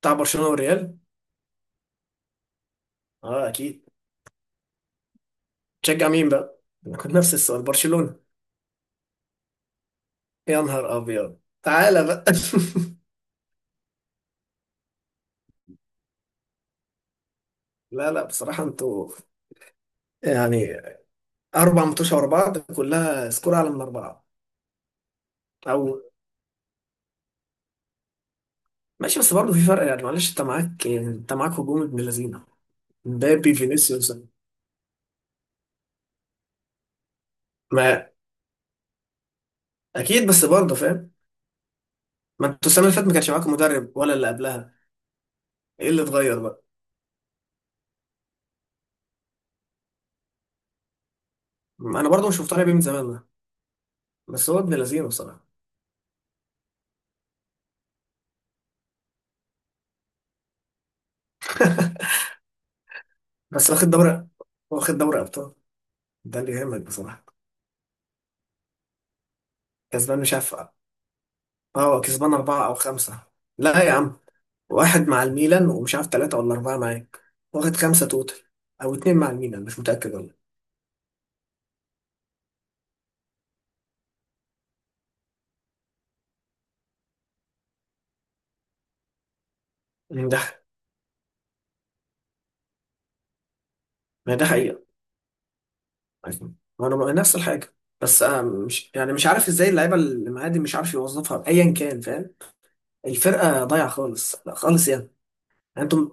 بتاع برشلونة والريال. اه، اكيد. تشجع مين بقى، انا كنت نفس السؤال. برشلونة. يا نهار ابيض، تعالى بقى. لا لا، بصراحة انتوا يعني اربع ماتشات ورا بعض كلها سكور اعلى من اربعة. او ماشي، بس برضه في فرق يعني، معلش انت معاك يعني، انت معاك هجوم ابن لذينه. مبابي فينيسيوس. ما اكيد بس برضه فاهم، ما انتوا السنة اللي فاتت ما كانش معاكم مدرب ولا اللي قبلها. ايه اللي اتغير بقى. انا برضه مش مقتنع بيه من زمان ده، بس هو ابن لذينه بصراحة. بس واخد دوري، واخد دوري ابطال، ده اللي يهمك بصراحة. كسبان مش عارف. اه، كسبان أربعة أو خمسة. لا يا عم، واحد مع الميلان ومش عارف تلاتة ولا أربعة معاك. واخد خمسة توتال، أو اتنين مع الميلان، مش متأكد والله. ده. ما ده حقيقة. ما أنا نفس الحاجة. بس أنا مش يعني مش عارف إزاي اللعيبة اللي معايا دي مش عارف يوظفها أيا كان، فاهم. الفرقة ضايعة خالص، لا خالص يعني. أنتم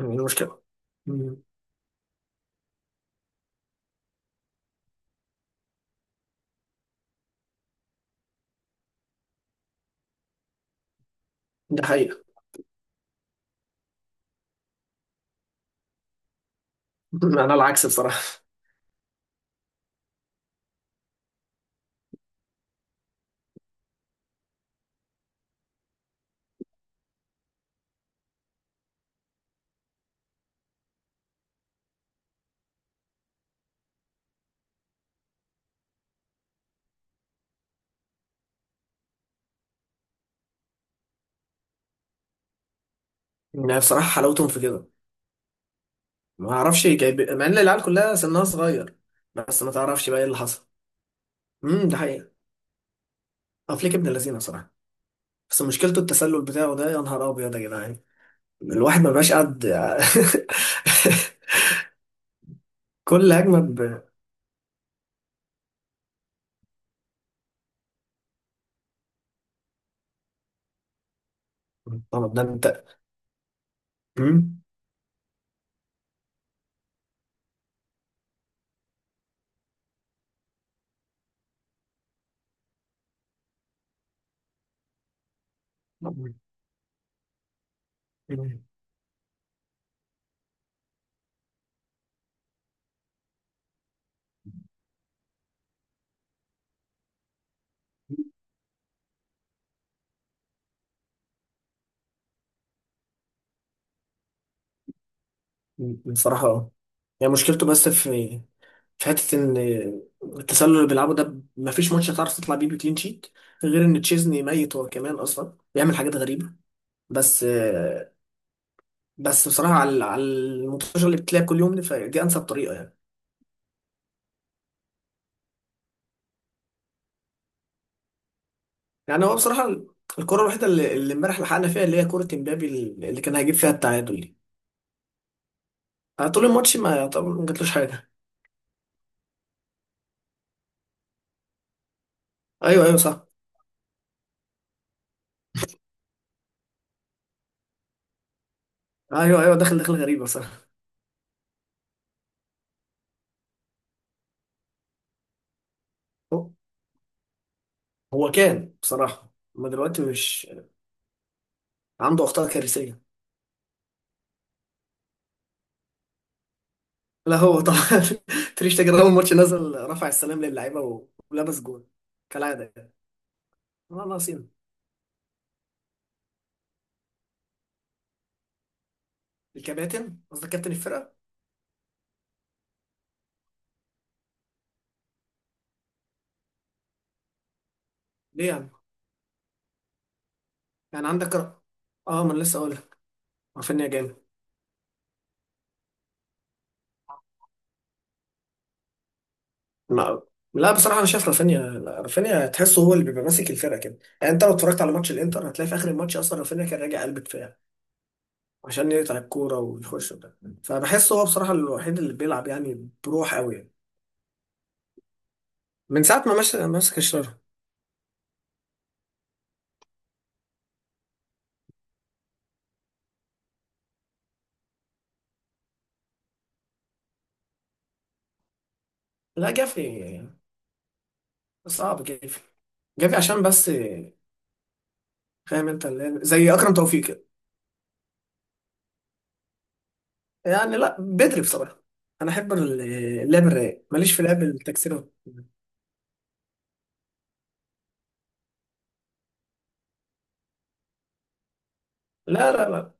المشكلة. أمم، ده حقيقة. أنا العكس بصراحة. يعني بصراحة حلاوتهم في كده. ما اعرفش جايب مع ان العيال كلها سنها صغير، بس ما تعرفش بقى ايه اللي حصل. ده حقيقة. افليك ابن اللذينه بصراحه، بس مشكلته التسلل بتاعه ده يا نهار ابيض يا جدعان. الواحد ما بقاش قد. كل هجمه ب. طب ده انت. امم بصراحه اه، يعني مشكلته بس في حته ان التسلل اللي بيلعبه ده ما فيش ماتش هتعرف تطلع بيه بكلين شيت، غير ان تشيزني ميت، هو كمان اصلا بيعمل حاجات غريبه. بس بس بصراحه على الماتشات اللي بتلاقي كل يوم دي، فدي انسب طريقه يعني. يعني هو بصراحه الكره الوحيده اللي امبارح لحقنا فيها، اللي هي كره امبابي اللي كان هيجيب فيها التعادل دي. أنا طول الماتش ما يعتبر ما جاتلوش حاجه. ايوه ايوه صح. ايوه ايوه دخل دخل غريبه صح. هو هو كان بصراحه، ما دلوقتي مش عنده اخطاء كارثيه. لا هو طبعا. تريش تاجر اول ماتش نزل رفع السلام للعيبه ولبس جول، كالعاده يعني. والله ناقصين. الكباتن قصدك كابتن الفرقه. ليه يعني. يعني عندك ما انا لسه اقول. رافينيا جامد. ما لا بصراحه انا شايف رافينيا، لا، رافينيا تحسه هو اللي بيبقى ماسك الفرقه كده يعني، انت لو اتفرجت على ماتش الانتر هتلاقي في اخر الماتش اصلا رافينيا كان راجع قلب دفاع عشان يقطع الكوره ويخش ده، فبحسه هو بصراحه الوحيد اللي بيلعب يعني بروح قوي يعني. من ساعه ما مش ماسك الشر. لا جافي، صعب جافي. جافي عشان بس، فاهم انت زي اكرم توفيق كده. يعني لا بدري بصراحه، انا احب اللعب الرايق، ماليش في لعب التكسير. لا لا لا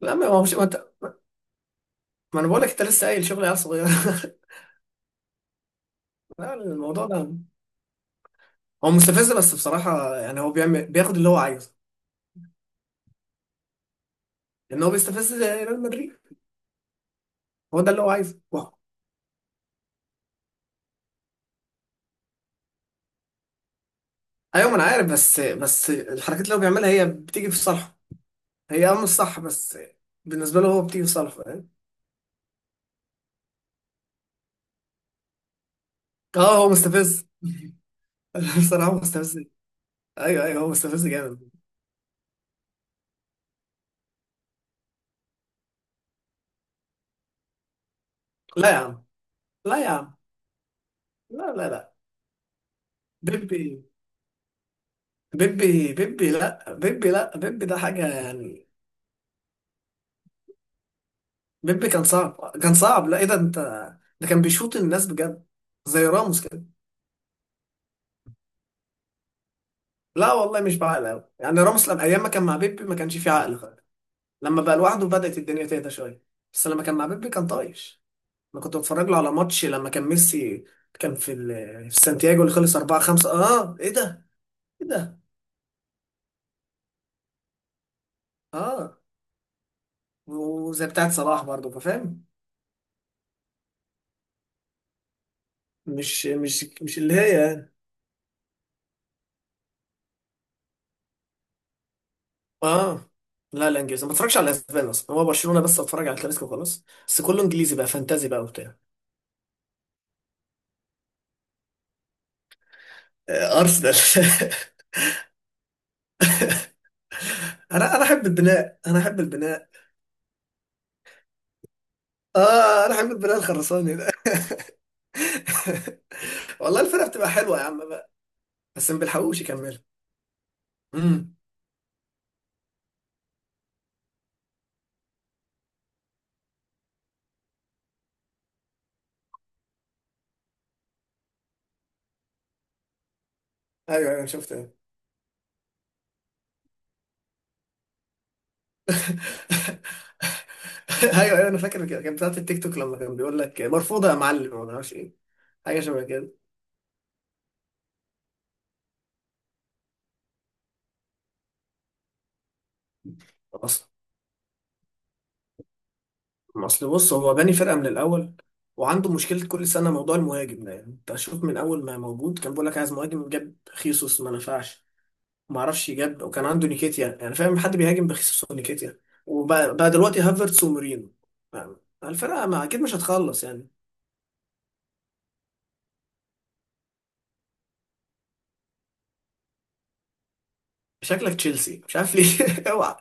لا، ما هو مش، ما انا بقول لك انت لسه قايل شغل عيال صغيره. لا الموضوع ده، هو مستفز بس بصراحه، يعني هو بيعمل بياخد اللي هو عايزه. لان هو بيستفز ريال مدريد. هو ده اللي هو عايزه، واو. ايوه ما انا عارف، بس بس الحركات اللي هو بيعملها هي بتيجي في صالحه، هي اه مش صح، بس بالنسبه له هو بتيجي في صالحه فاهم. اه هو مستفز. بصراحه هو مستفز. ايوه ايوه هو مستفز جامد. لا يا عم لا يا عم. لا لا لا. بيبي بيبي بيبي، لا بيبي، لا بيبي ده حاجه يعني. بيبي كان صعب كان صعب، لا ايه ده انت، ده كان بيشوط الناس بجد زي راموس كده. لا والله مش بعقل قوي يعني، راموس لما ايام ما كان مع بيبي ما كانش فيه عقل خالص، لما بقى لوحده بدأت الدنيا تهدى شويه، بس لما كان مع بيبي كان طايش. انا كنت بتفرج له على ماتش لما كان ميسي، كان في في سانتياجو اللي خلص 4-5 اه ايه ده. ايه ده اه، وزي بتاعت صلاح برضه، فاهم، مش اللي هي يعني. اه لا لا انجليزي، ما بتفرجش على الاسبان اصلا، هو برشلونه بس اتفرج على الكلاسيكو وخلاص، بس كله انجليزي بقى، فانتازي بقى وبتاع. آه، ارسنال. انا احب البناء، انا احب البناء. اه انا احب البناء الخرساني ده. والله الفرقه بتبقى حلوه يا عم بقى، بس ما بيلحقوش يكملوا. امم ايوه ايوه شفت. ايوه ايوه انا فاكر كده، كانت بتاعت التيك توك لما كان بيقول لك مرفوضه يا معلم ما اعرفش ايه، حاجه شبه كده. ما اصل بص هو باني فرقه من الاول، وعنده مشكله كل سنه موضوع المهاجم ده، يعني انت شوف من اول ما موجود كان بيقول لك عايز مهاجم، جاب خيسوس ما نفعش، ما اعرفش جاب وكان عنده نيكيتيا، يعني فاهم حد بيهاجم بخيسوس ونيكيتيا. وبقى دلوقتي هافرتس ومورينو، يعني الفرقه ما اكيد مش هتخلص يعني. شكلك تشيلسي، مش عارف ليه. اوعى.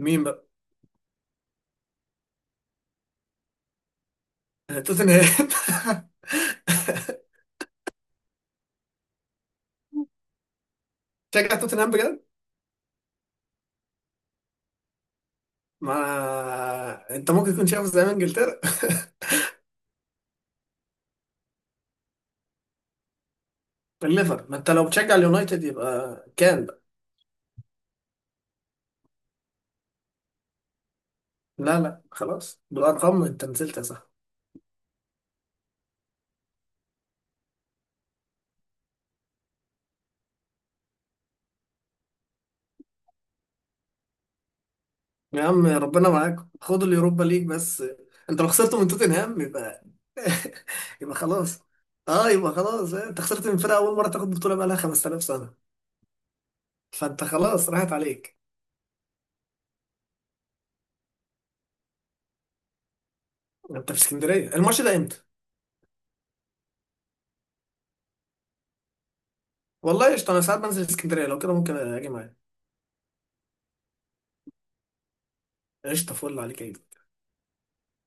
مين بقى. توتنهام. شجع توتنهام بجد. ما انت ممكن تكون شايفه زي ما انجلترا. الليفر. ما انت لو بتشجع اليونايتد يبقى كام. لا لا خلاص، بالارقام انت نزلت يا صاحبي. يا عم ربنا معاك، خد اليوروبا ليج بس. انت لو خسرت من توتنهام يبقى. يبقى خلاص، اه يبقى خلاص، اه، انت خسرت من فرقه اول مره تاخد بطوله بقى لها 5000 سنه، فانت خلاص راحت عليك. انت في اسكندريه الماتش ده امتى. والله قشطه، انا ساعات بنزل اسكندريه، لو كده ممكن اجي معاك. قشطه، فل عليك